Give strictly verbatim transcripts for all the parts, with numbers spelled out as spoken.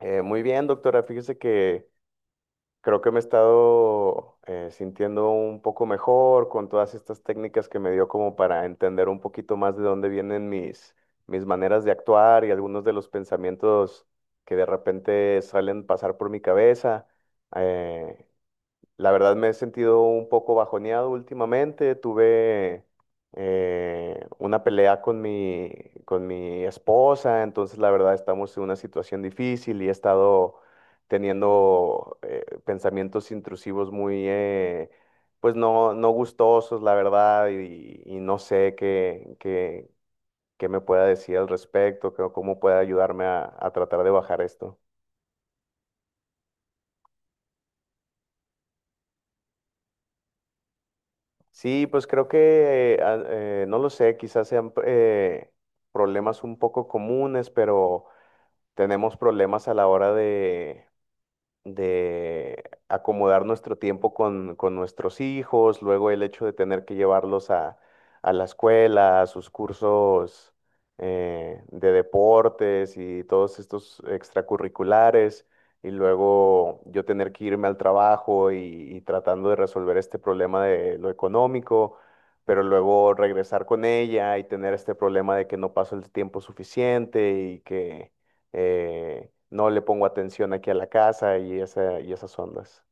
Eh, muy bien, doctora. Fíjese que creo que me he estado eh, sintiendo un poco mejor con todas estas técnicas que me dio como para entender un poquito más de dónde vienen mis, mis maneras de actuar y algunos de los pensamientos que de repente salen pasar por mi cabeza. Eh, la verdad me he sentido un poco bajoneado últimamente. Tuve eh, una pelea con mi, con mi esposa, entonces la verdad estamos en una situación difícil y he estado teniendo eh, pensamientos intrusivos muy, eh, pues no, no gustosos, la verdad, y, y no sé qué, qué, qué me pueda decir al respecto, qué- cómo pueda ayudarme a a tratar de bajar esto. Sí, pues creo que, eh, a- eh, no lo sé, quizás sean eh, problemas un poco comunes, pero tenemos problemas a la hora de, de acomodar nuestro tiempo con, con nuestros hijos, luego el hecho de tener que llevarlos a, a la escuela, a sus cursos eh, de deportes y todos estos extracurriculares, y luego yo tener que irme al trabajo y, y tratando de resolver este problema de lo económico. Pero luego regresar con ella y tener este problema de que no paso el tiempo suficiente y que eh, no le pongo atención aquí a la casa y, esa, y esas ondas.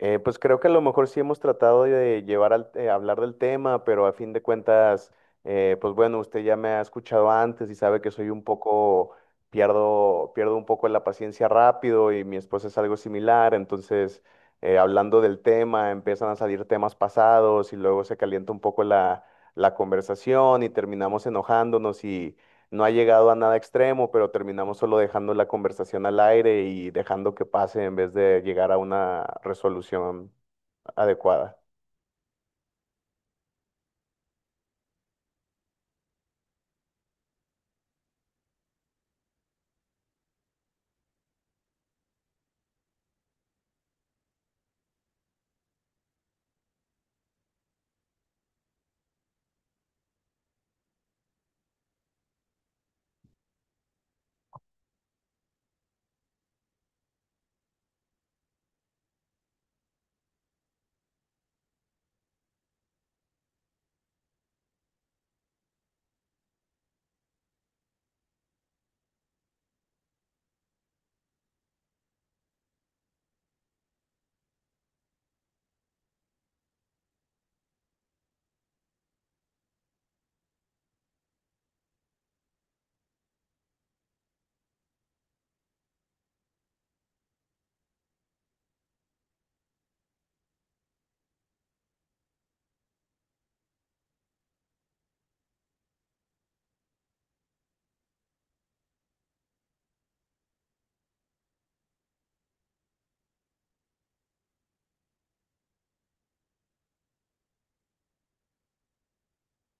Eh, pues creo que a lo mejor sí hemos tratado de llevar al, eh, hablar del tema, pero a fin de cuentas, eh, pues bueno, usted ya me ha escuchado antes y sabe que soy un poco, pierdo, pierdo un poco la paciencia rápido y mi esposa es algo similar, entonces eh, hablando del tema empiezan a salir temas pasados y luego se calienta un poco la, la conversación y terminamos enojándonos y no ha llegado a nada extremo, pero terminamos solo dejando la conversación al aire y dejando que pase en vez de llegar a una resolución adecuada.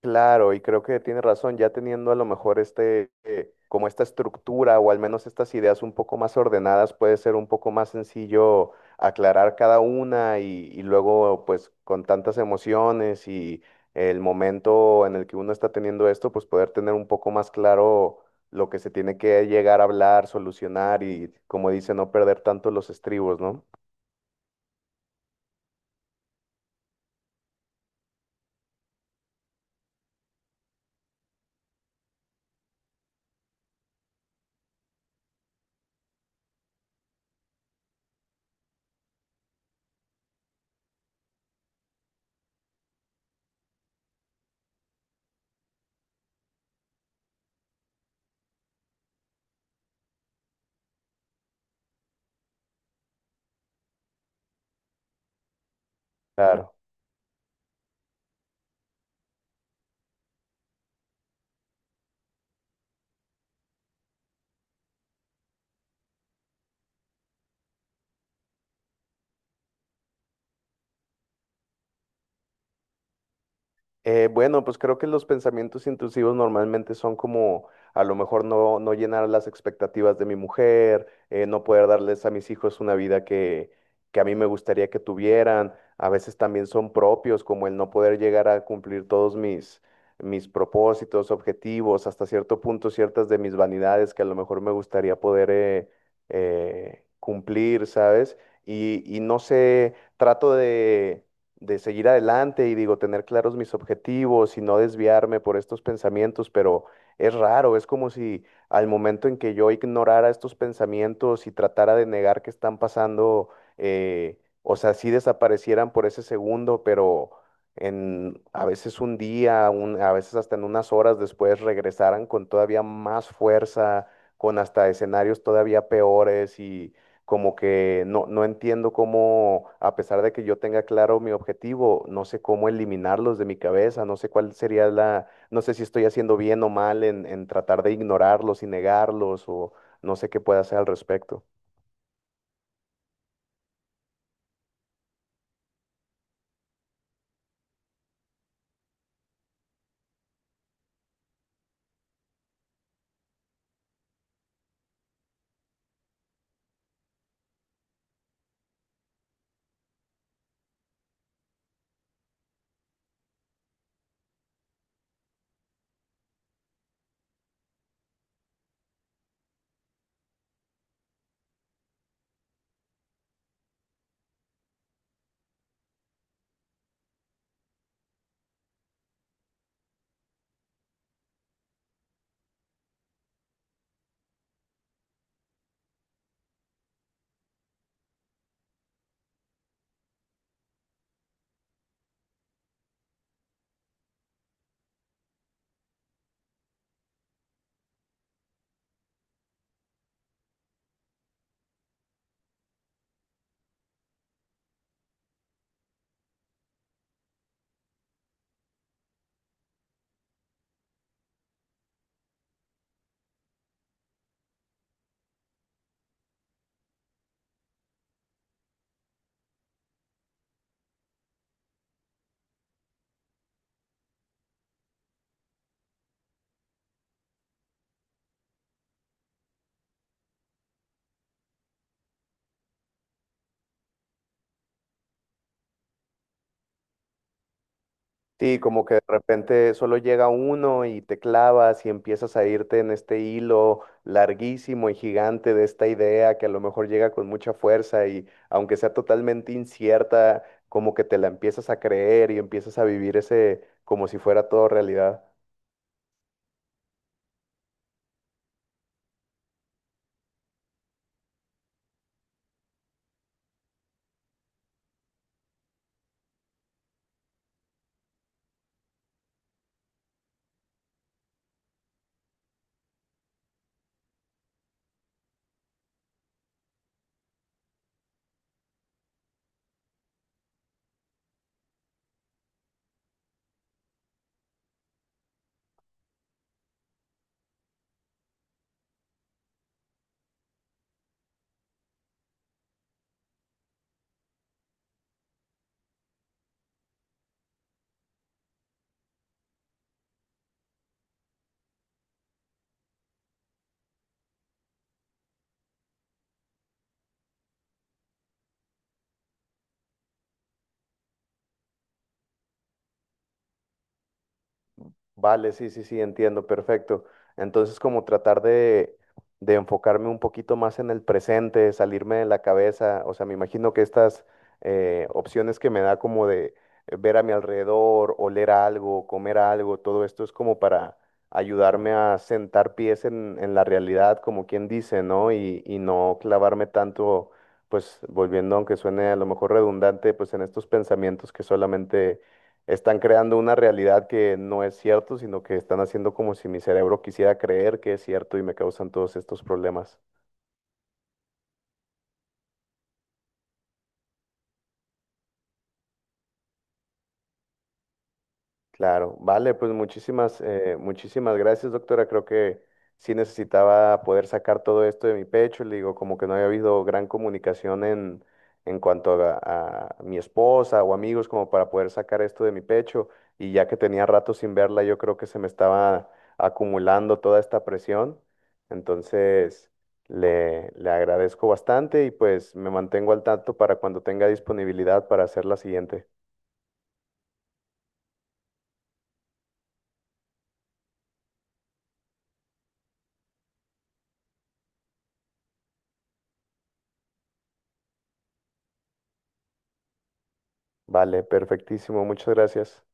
Claro, y creo que tiene razón, ya teniendo a lo mejor este, eh, como esta estructura o al menos estas ideas un poco más ordenadas, puede ser un poco más sencillo aclarar cada una y, y luego pues con tantas emociones y el momento en el que uno está teniendo esto, pues poder tener un poco más claro lo que se tiene que llegar a hablar, solucionar y como dice, no perder tanto los estribos, ¿no? Claro. Eh, bueno, pues creo que los pensamientos intrusivos normalmente son como a lo mejor no, no llenar las expectativas de mi mujer, eh, no poder darles a mis hijos una vida que, que a mí me gustaría que tuvieran. A veces también son propios, como el no poder llegar a cumplir todos mis, mis propósitos, objetivos, hasta cierto punto ciertas de mis vanidades que a lo mejor me gustaría poder eh, eh, cumplir, ¿sabes? Y, y no sé, trato de de seguir adelante y digo, tener claros mis objetivos y no desviarme por estos pensamientos, pero es raro, es como si al momento en que yo ignorara estos pensamientos y tratara de negar que están pasando, eh, o sea, sí desaparecieran por ese segundo, pero en a veces un día, un- a veces hasta en unas horas después regresaran con todavía más fuerza, con hasta escenarios todavía peores como que no, no entiendo cómo, a pesar de que yo tenga claro mi objetivo, no sé cómo eliminarlos de mi cabeza, no sé cuál sería la, no sé si estoy haciendo bien o mal en, en tratar de ignorarlos y negarlos o no sé qué pueda hacer al respecto. Sí, como que de repente solo llega uno y te clavas y empiezas a irte en este hilo larguísimo y gigante de esta idea que a lo mejor llega con mucha fuerza y aunque sea totalmente incierta, como que te la empiezas a creer y empiezas a vivir ese como si fuera todo realidad. Vale, sí, sí, sí, entiendo, perfecto. Entonces, como tratar de, de enfocarme un poquito más en el presente, salirme de la cabeza, o sea, me imagino que estas eh, opciones que me da como de eh, ver a mi alrededor, oler algo, comer algo, todo esto es como para ayudarme a sentar pies en, en la realidad, como quien dice, ¿no? Y, y no clavarme tanto, pues volviendo, aunque suene a lo mejor redundante, pues en estos pensamientos que solamente están creando una realidad que no es cierto, sino que están haciendo como si mi cerebro quisiera creer que es cierto y me causan todos estos problemas. Claro, vale, pues muchísimas, eh, muchísimas gracias, doctora. Creo que sí necesitaba poder sacar todo esto de mi pecho. Le digo, como que no había habido gran comunicación en, en cuanto a, a mi esposa o amigos, como para poder sacar esto de mi pecho. Y ya que tenía rato sin verla, yo creo que se me estaba acumulando toda esta presión. Entonces, le, le agradezco bastante y pues me mantengo al tanto para cuando tenga disponibilidad para hacer la siguiente. Vale, perfectísimo. Muchas gracias.